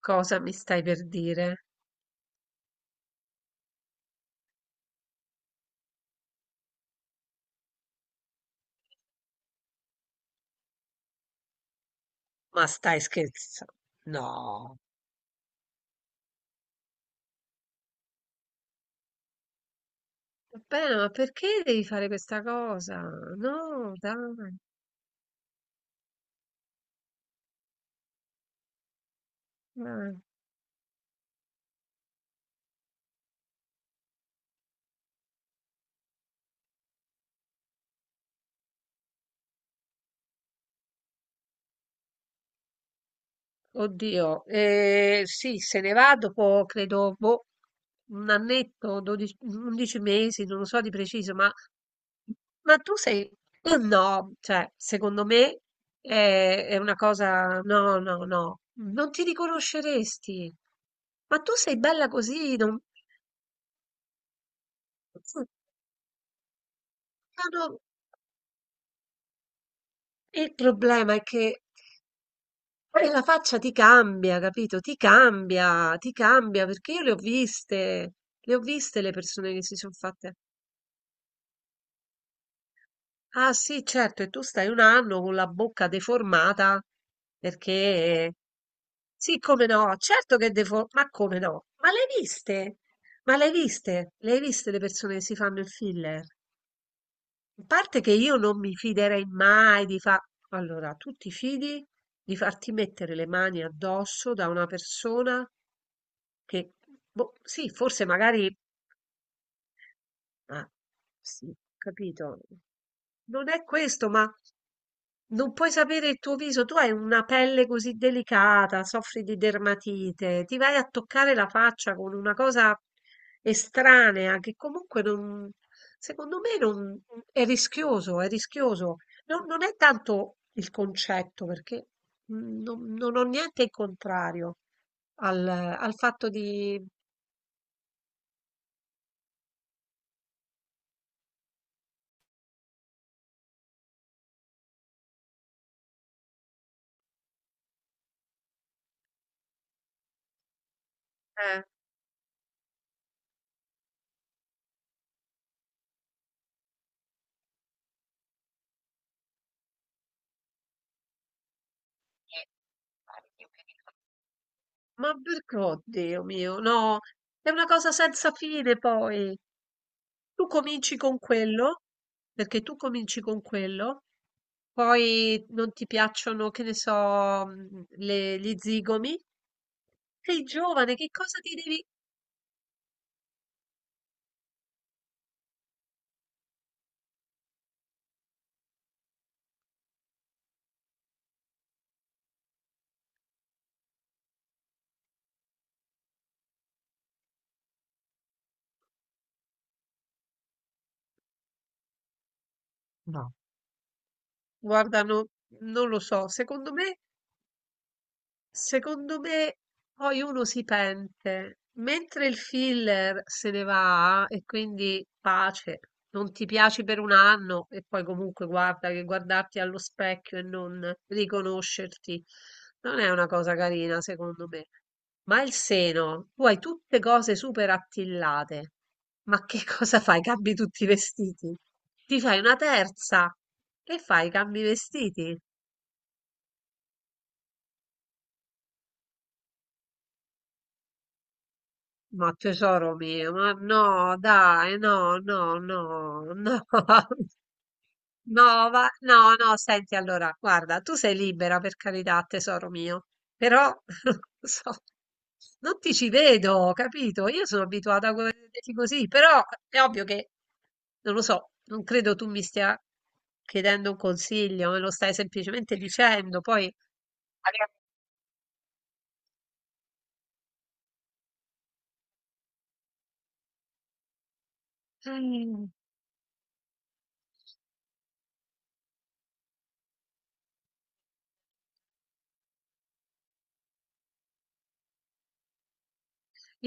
Cosa mi stai per dire? Ma stai scherza No. Vabbè, ma perché devi fare questa cosa? No, dai, dai. Oddio, sì, se ne va dopo, credo, boh, un annetto, 12, 11 mesi, non lo so di preciso, ma tu sei... No, cioè, secondo me è una cosa... No, no, no, non ti riconosceresti. Ma tu sei bella così, non... no, no, Il problema è che la faccia ti cambia, capito? Ti cambia, perché io le ho viste, le ho viste le persone che si sono fatte. Ah sì, certo, e tu stai un anno con la bocca deformata, perché... Sì, come no, certo che è ma come no? Ma le hai viste? Ma le hai viste? Le hai viste le persone che si fanno il filler? In parte che io non mi fiderei mai di fare... Allora, tu ti fidi di farti mettere le mani addosso da una persona che, boh, sì, forse magari Ah, sì, capito. Non è questo, ma non puoi sapere il tuo viso. Tu hai una pelle così delicata, soffri di dermatite, ti vai a toccare la faccia con una cosa estranea che comunque non, secondo me non, è rischioso, è rischioso. Non, non è tanto il concetto, perché non, non ho niente in contrario al, al fatto di... Eh. Ma perché? Oddio mio, no, è una cosa senza fine poi. Tu cominci con quello, perché tu cominci con quello, poi non ti piacciono, che ne so, gli zigomi. Sei giovane, che cosa ti devi... No, guarda, non lo so, secondo me Secondo me poi uno si pente, mentre il filler se ne va e quindi pace, non ti piaci per un anno e poi comunque guarda che guardarti allo specchio e non riconoscerti non è una cosa carina secondo me. Ma il seno, tu hai tutte cose super attillate, ma che cosa fai? Cambi tutti i vestiti? Ti fai una terza e fai, cambi i vestiti. Ma tesoro mio, ma no, dai, no, no, no, no, no, no, no, senti, allora, guarda, tu sei libera per carità, tesoro mio, però non so, non ti ci vedo, capito? Io sono abituata a vederti così, però è ovvio che, non lo so, non credo tu mi stia chiedendo un consiglio, me lo stai semplicemente dicendo, poi... Mm.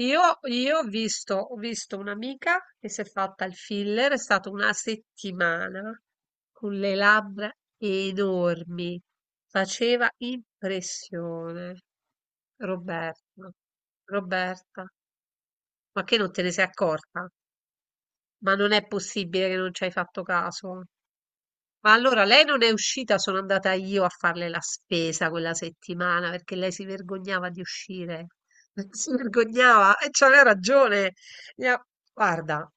Io, io ho visto un'amica che si è fatta il filler, è stata una settimana con le labbra enormi, faceva impressione. Roberta, Roberta, ma che non te ne sei accorta? Ma non è possibile che non ci hai fatto caso. Ma allora lei non è uscita, sono andata io a farle la spesa quella settimana perché lei si vergognava di uscire. Si vergognava e c'aveva ragione. Le ha- Guarda,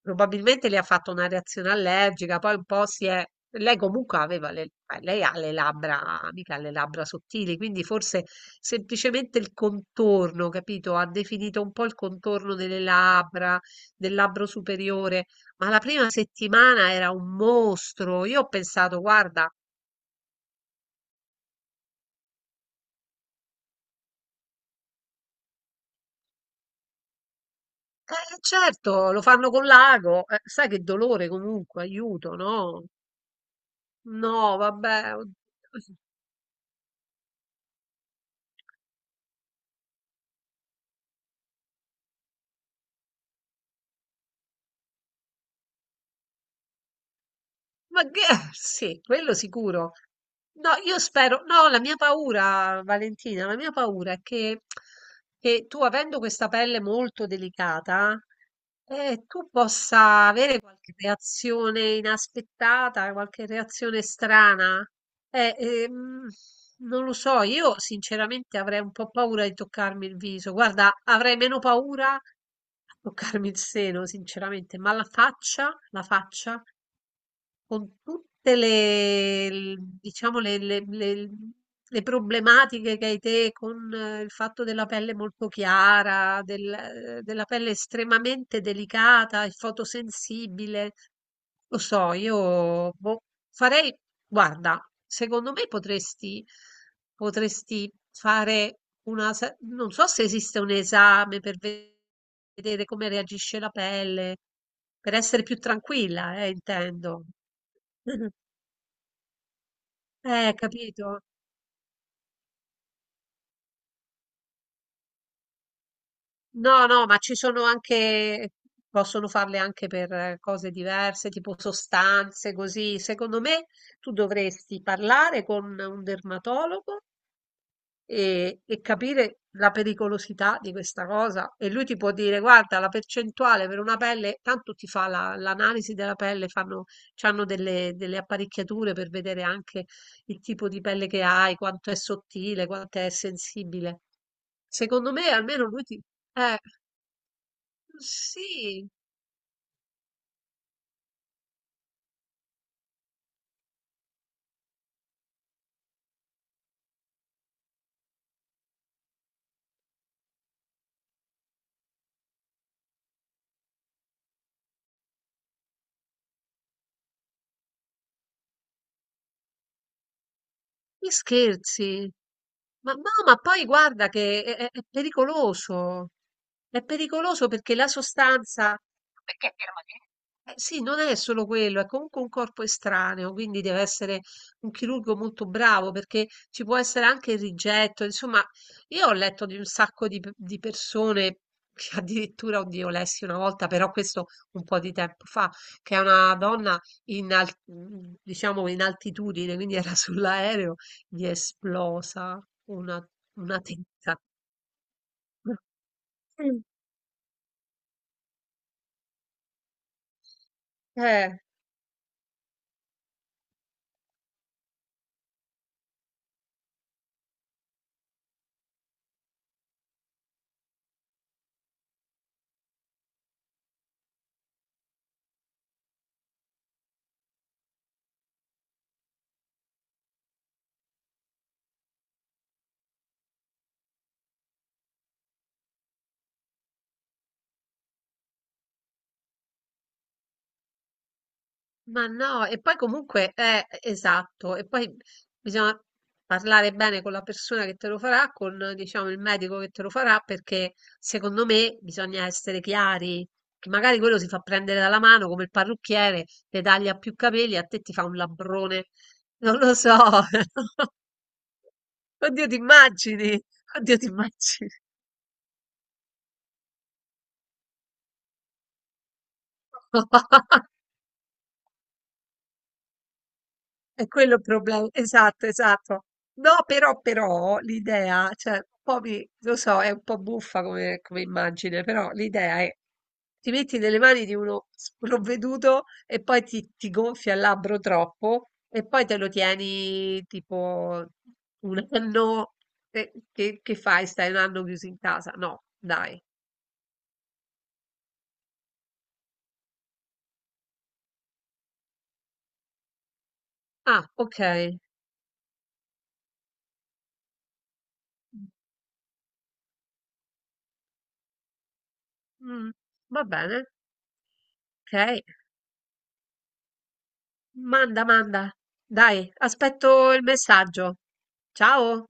probabilmente le ha fatto una reazione allergica, poi un po' si è... Lei comunque aveva le... Lei ha le labbra, mica le labbra sottili, quindi forse semplicemente il contorno, capito? Ha definito un po' il contorno delle labbra, del labbro superiore. Ma la prima settimana era un mostro. Io ho pensato, guarda, certo, lo fanno con l'ago. Sai che dolore comunque, aiuto, no? No, vabbè. Oddio. Ma che sì, quello sicuro. No, io spero, no, la mia paura, Valentina, la mia paura è che tu, avendo questa pelle molto delicata, tu possa avere qualche reazione inaspettata, qualche reazione strana. Eh, ehm, non lo so, io sinceramente avrei un po' paura di toccarmi il viso. Guarda, avrei meno paura a toccarmi il seno, sinceramente, ma la faccia con tutte diciamo, le problematiche che hai te con il fatto della pelle molto chiara, della pelle estremamente delicata e fotosensibile. Lo so, io boh, farei, guarda, secondo me potresti, potresti fare una, non so se esiste un esame per vedere vedere come reagisce la pelle, per essere più tranquilla, intendo. Capito? No, no, ma ci sono anche, possono farle anche per cose diverse, tipo sostanze, così. Secondo me tu dovresti parlare con un dermatologo e capire la pericolosità di questa cosa. E lui ti può dire: guarda, la percentuale per una pelle, tanto ti fa l'analisi della pelle, fanno, c'hanno delle, delle apparecchiature per vedere anche il tipo di pelle che hai, quanto è sottile, quanto è sensibile. Secondo me, almeno lui ti... Eh, sì, Mi scherzi? Ma no, ma poi guarda che è, è pericoloso. È pericoloso perché la sostanza, Perché è permanente? Eh, sì, non è solo quello, è comunque un corpo estraneo, quindi deve essere un chirurgo molto bravo perché ci può essere anche il rigetto. Insomma, io ho letto di un sacco di, di persone che addirittura, oddio, lessi una volta, però questo un po' di tempo fa, che è una donna in, diciamo, in altitudine, quindi era sull'aereo gli è esplosa una testa. Mm. Eh, ma no, e poi comunque è esatto, e poi bisogna parlare bene con la persona che te lo farà, con diciamo il medico che te lo farà, perché secondo me bisogna essere chiari, che magari quello si fa prendere dalla mano come il parrucchiere, le taglia più capelli, a te ti fa un labbrone, non lo so, oddio ti immagini, oddio ti immagini. È quello il problema, esatto, esatto. No, però, però l'idea, cioè, un po' lo so, è un po' buffa come, come immagine, però l'idea è ti metti nelle mani di uno sprovveduto e poi ti gonfia il labbro troppo e poi te lo tieni tipo un anno. E che fai? Stai un anno chiuso in casa? No, dai. Ah, ok. Mm, va bene, ok. Manda, manda. Dai, aspetto il messaggio. Ciao!